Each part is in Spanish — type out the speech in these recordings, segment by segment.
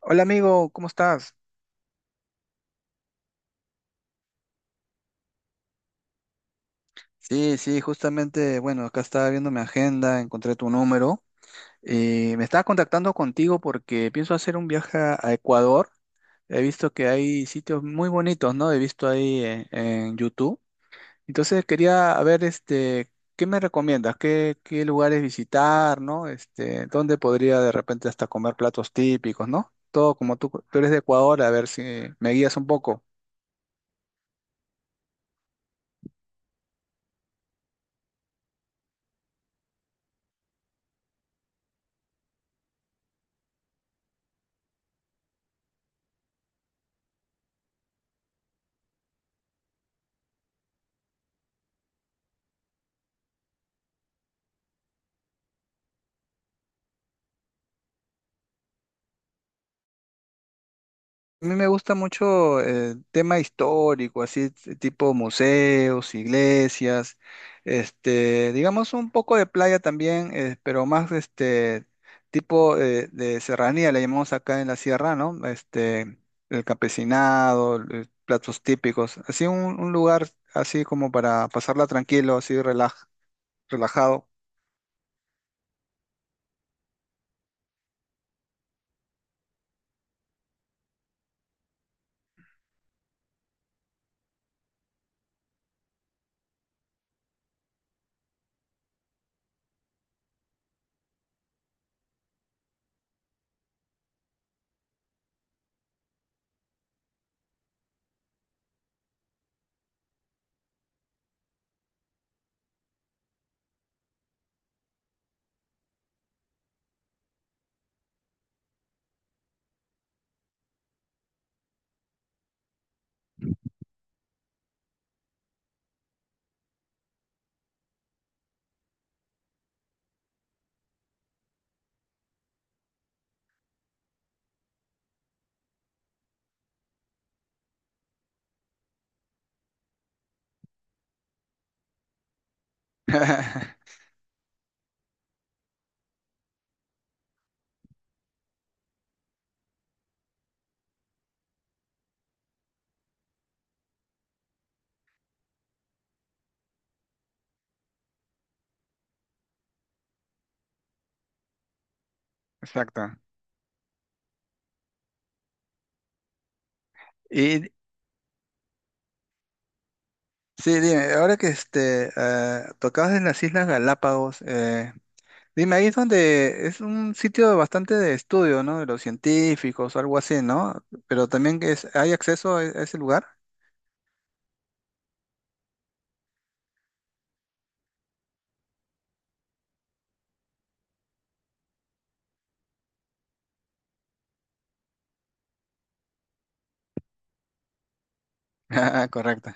Hola amigo, ¿cómo estás? Sí, sí, justamente, bueno, acá estaba viendo mi agenda, encontré tu número y me estaba contactando contigo porque pienso hacer un viaje a Ecuador. He visto que hay sitios muy bonitos, ¿no? He visto ahí en YouTube. Entonces quería ver, ¿qué me recomiendas? ¿Qué lugares visitar, ¿no? Este, ¿dónde podría de repente hasta comer platos típicos, ¿no? Todo como tú eres de Ecuador, a ver si me guías un poco. A mí me gusta mucho el tema histórico, así tipo museos, iglesias, este, digamos un poco de playa también, pero más este tipo de serranía, le llamamos acá en la sierra, ¿no? Este, el campesinado, platos típicos, así un lugar así como para pasarla tranquilo, así relajado. Exacto. Y sí, dime, ahora que tocabas en las Islas Galápagos, dime, ahí es donde es un sitio bastante de estudio, ¿no? De los científicos, algo así, ¿no? Pero también que es, ¿hay acceso a a ese lugar? Ah, correcto.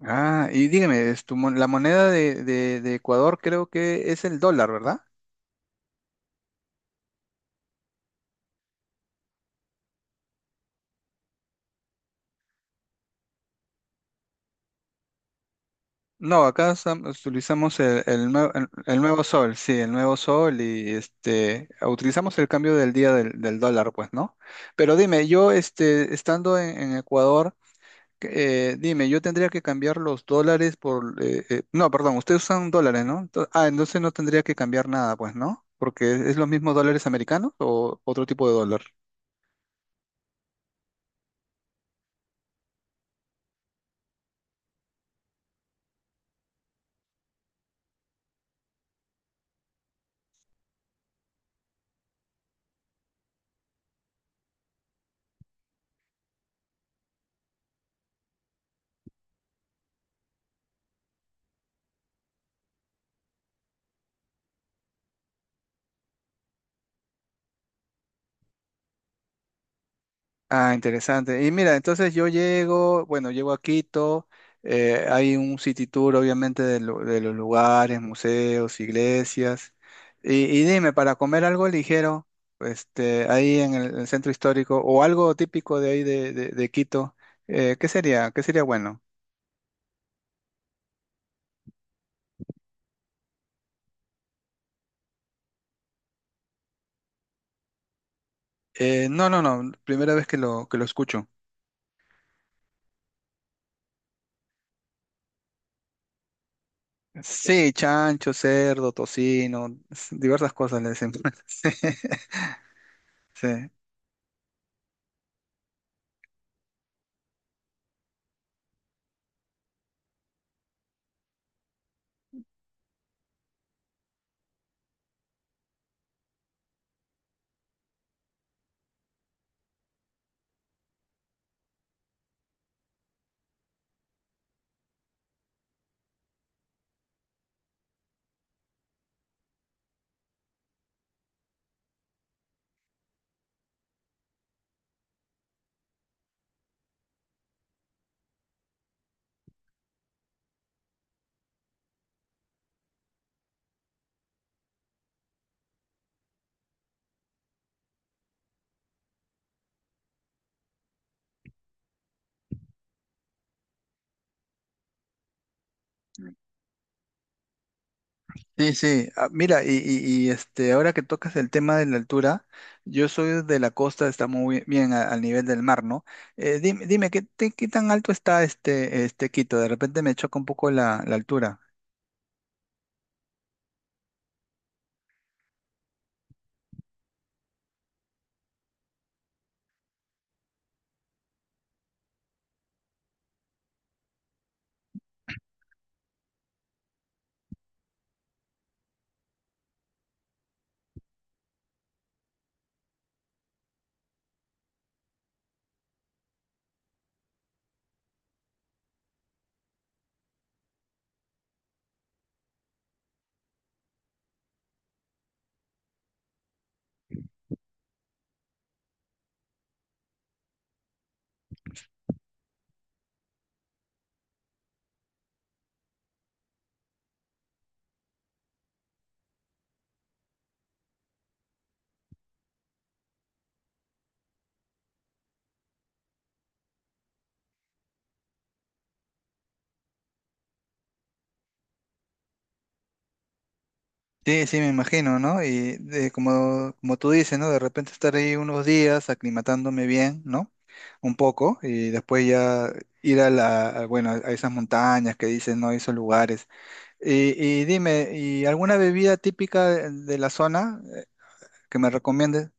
Ah, y dígame, es tu la moneda de, de Ecuador creo que es el dólar, ¿verdad? No, acá utilizamos el nuevo sol, sí, el nuevo sol y este, utilizamos el cambio del día del dólar, pues, ¿no? Pero dime, yo este, estando en Ecuador, eh, dime, yo tendría que cambiar los dólares por no, perdón, ustedes usan dólares, ¿no? Ah, entonces no tendría que cambiar nada, pues, ¿no? Porque es los mismos dólares americanos o otro tipo de dólar. Ah, interesante. Y mira, entonces yo llego, bueno, llego a Quito, hay un city tour obviamente de, de los lugares, museos, iglesias. Y dime, para comer algo ligero, este, ahí en el centro histórico o algo típico de ahí de, de Quito, ¿qué sería? ¿Qué sería bueno? No, primera vez que que lo escucho. Sí, chancho, cerdo, tocino, diversas cosas le decimos. Sí, sí, sí. Sí. Ah, mira, y este, ahora que tocas el tema de la altura, yo soy de la costa, está muy bien al nivel del mar, ¿no? Dime, dime, ¿qué, qué tan alto está este, este Quito? De repente me choca un poco la altura. Sí, sí, me imagino, ¿no? Y como, como tú dices, ¿no? De repente estar ahí unos días aclimatándome bien, ¿no? Un poco, y después ya ir a bueno, a esas montañas que dicen, ¿no? Esos lugares. Y dime, ¿y alguna bebida típica de la zona que me recomiendes?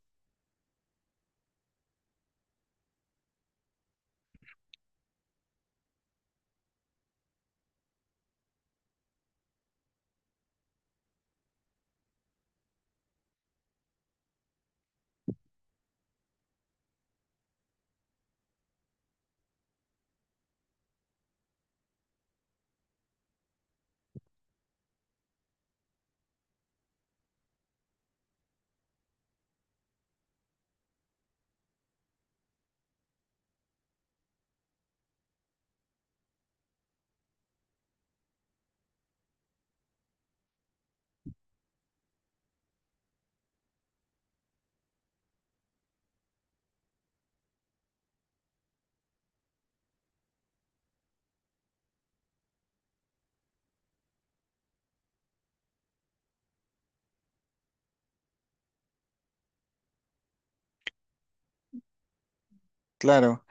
Claro.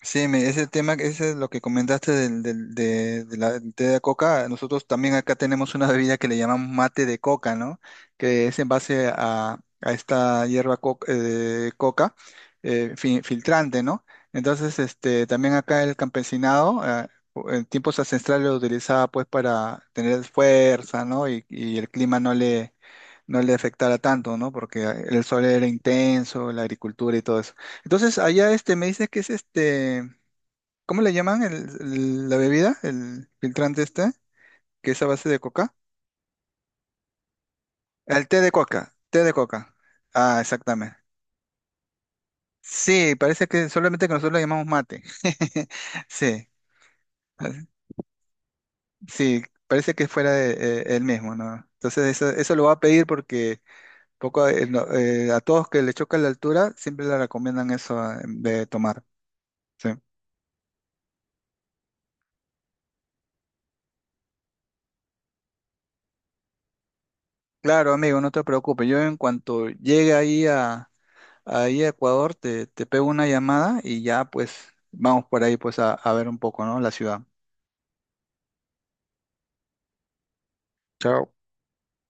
Sí, ese tema, ese es lo que comentaste de la del té de coca. Nosotros también acá tenemos una bebida que le llamamos mate de coca, ¿no? Que es en base a esta hierba coca filtrante, ¿no? Entonces, este, también acá el campesinado en tiempos ancestrales lo utilizaba pues para tener fuerza, ¿no? Y el clima no le afectara tanto, ¿no? Porque el sol era intenso, la agricultura y todo eso. Entonces, allá este me dice que es este, ¿cómo le llaman la bebida? El filtrante este, que es a base de coca. El té de coca, té de coca. Ah, exactamente. Sí, parece que solamente que nosotros lo llamamos mate. Sí, ah, sí, parece que fuera el mismo, ¿no? Entonces eso lo va a pedir porque poco no, a todos que le choca la altura siempre le recomiendan eso de tomar. Sí. Claro, amigo, no te preocupes. Yo en cuanto llegue ahí a Ecuador, te pego una llamada y ya pues vamos por ahí pues a ver un poco, ¿no? La ciudad. Chao.